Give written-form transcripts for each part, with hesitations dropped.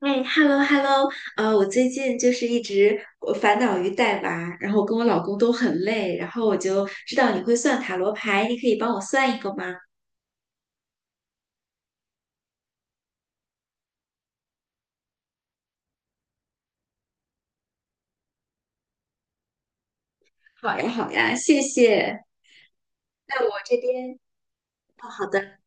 哎，hello hello。我最近就是一直我烦恼于带娃，然后我跟我老公都很累，然后我就知道你会算塔罗牌，你可以帮我算一个吗？好呀好呀，谢谢。那我这边，哦，好的。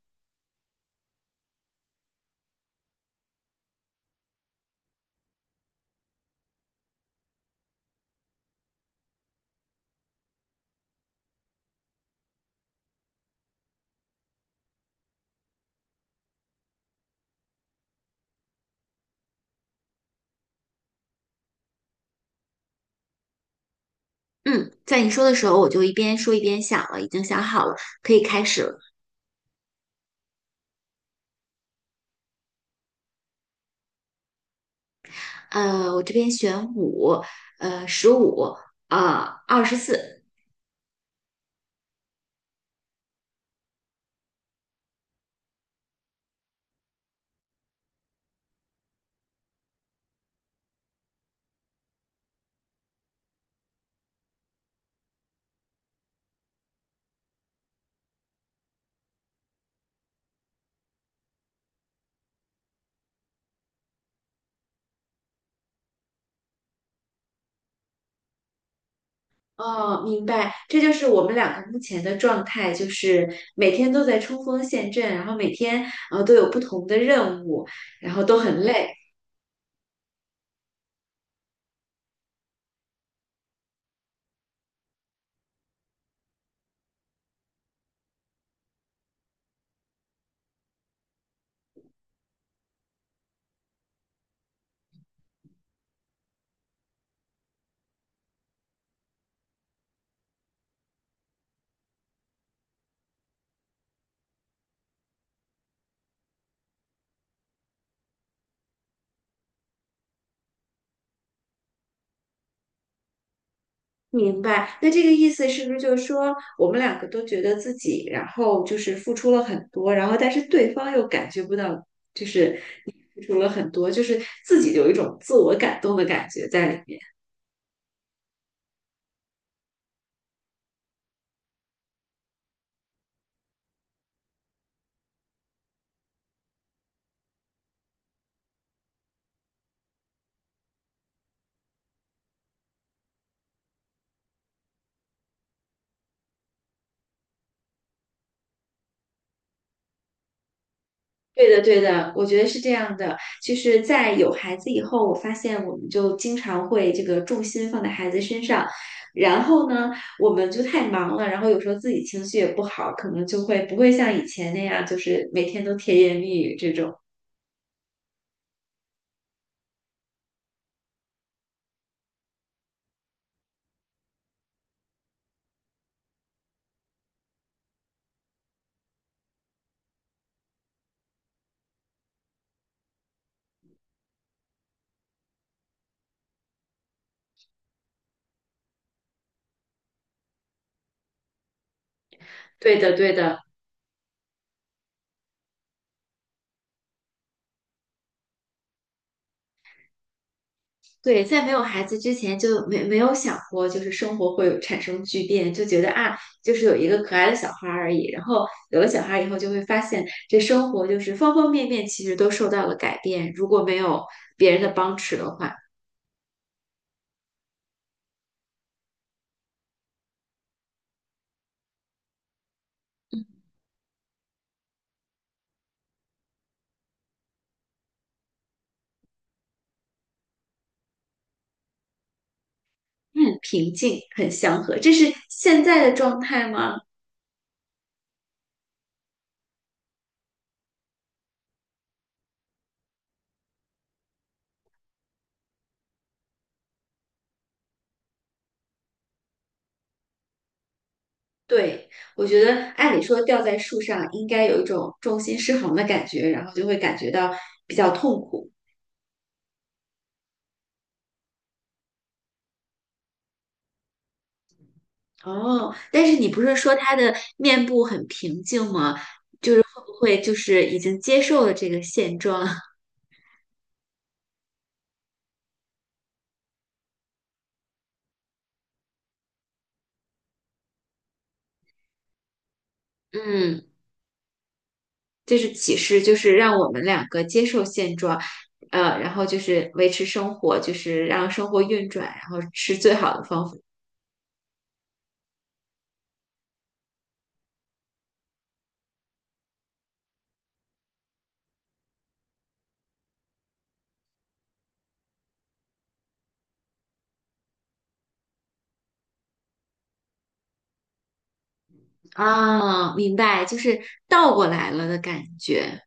嗯，在你说的时候，我就一边说一边想了，已经想好了，可以开始了。我这边选五，15，24。哦，明白，这就是我们两个目前的状态，就是每天都在冲锋陷阵，然后每天都有不同的任务，然后都很累。明白，那这个意思是不是就是说我们两个都觉得自己，然后就是付出了很多，然后但是对方又感觉不到，就是付出了很多，就是自己有一种自我感动的感觉在里面。对的，对的，我觉得是这样的。就是在有孩子以后，我发现我们就经常会这个重心放在孩子身上，然后呢，我们就太忙了，然后有时候自己情绪也不好，可能就会不会像以前那样，就是每天都甜言蜜语这种。对的，对的。对，在没有孩子之前就没有想过，就是生活会有产生巨变，就觉得啊，就是有一个可爱的小孩儿而已。然后有了小孩以后，就会发现这生活就是方方面面其实都受到了改变。如果没有别人的帮持的话，嗯，平静很祥和，这是现在的状态吗？对，我觉得按理说吊在树上应该有一种重心失衡的感觉，然后就会感觉到比较痛苦。哦，但是你不是说他的面部很平静吗？会就是已经接受了这个现状，嗯，这是启示，就是让我们两个接受现状，然后就是维持生活，就是让生活运转，然后是最好的方法。啊，明白，就是倒过来了的感觉。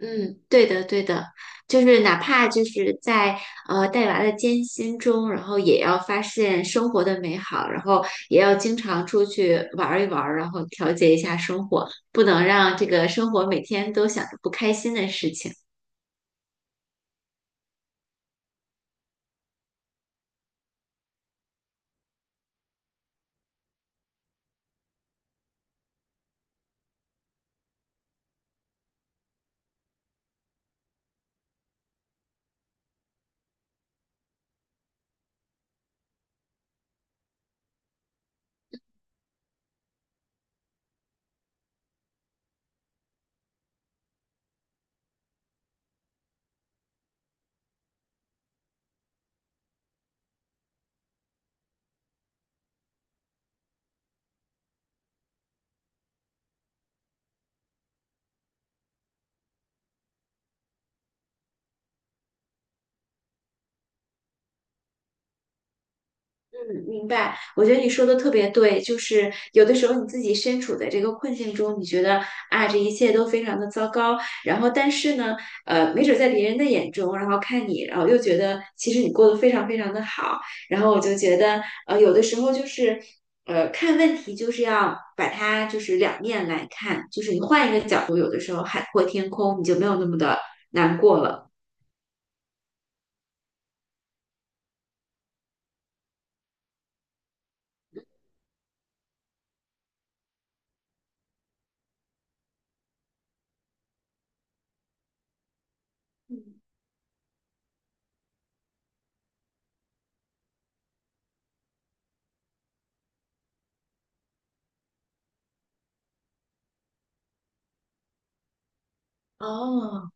嗯，对的，对的，就是哪怕就是在带娃的艰辛中，然后也要发现生活的美好，然后也要经常出去玩儿一玩儿，然后调节一下生活，不能让这个生活每天都想着不开心的事情。嗯，明白。我觉得你说的特别对，就是有的时候你自己身处在这个困境中，你觉得啊，这一切都非常的糟糕。然后，但是呢，没准在别人的眼中，然后看你，然后又觉得其实你过得非常非常的好。然后我就觉得，有的时候就是，看问题就是要把它就是两面来看，就是你换一个角度，有的时候海阔天空，你就没有那么的难过了。嗯哦，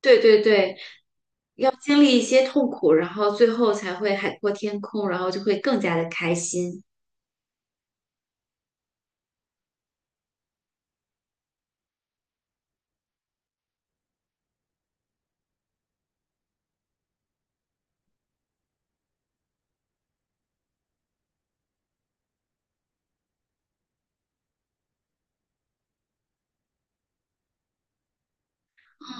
对对对，经历一些痛苦，然后最后才会海阔天空，然后就会更加的开心。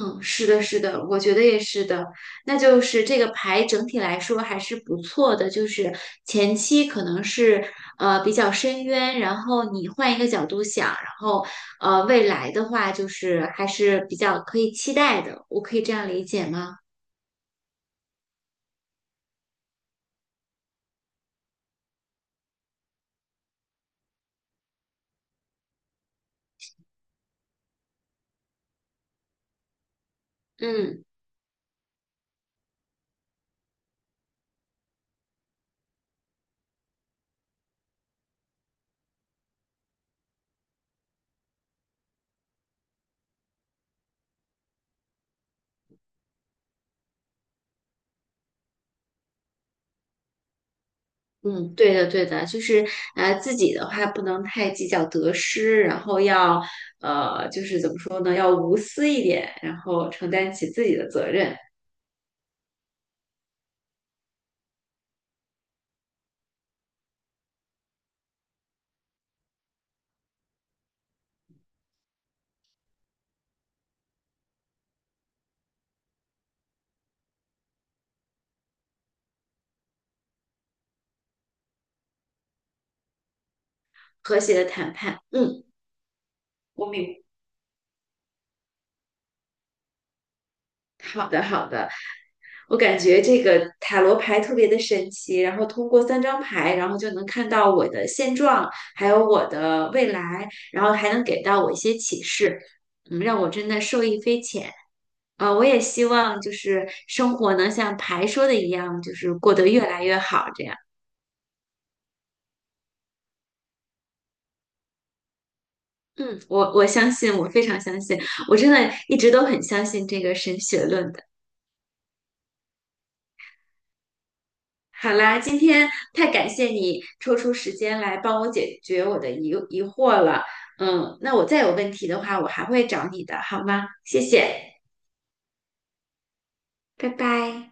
嗯，是的，是的，我觉得也是的。那就是这个牌整体来说还是不错的，就是前期可能是比较深渊，然后你换一个角度想，然后未来的话就是还是比较可以期待的。我可以这样理解吗？嗯。嗯，对的，对的，就是自己的话不能太计较得失，然后要就是怎么说呢，要无私一点，然后承担起自己的责任，和谐的谈判。嗯，我明好的，好的，我感觉这个塔罗牌特别的神奇，然后通过3张牌，然后就能看到我的现状，还有我的未来，然后还能给到我一些启示，嗯，让我真的受益匪浅。我也希望就是生活能像牌说的一样，就是过得越来越好，这样。嗯，我相信，我非常相信，我真的一直都很相信这个神学论的。好啦，今天太感谢你抽出时间来帮我解决我的疑惑了。嗯，那我再有问题的话，我还会找你的，好吗？谢谢，拜拜。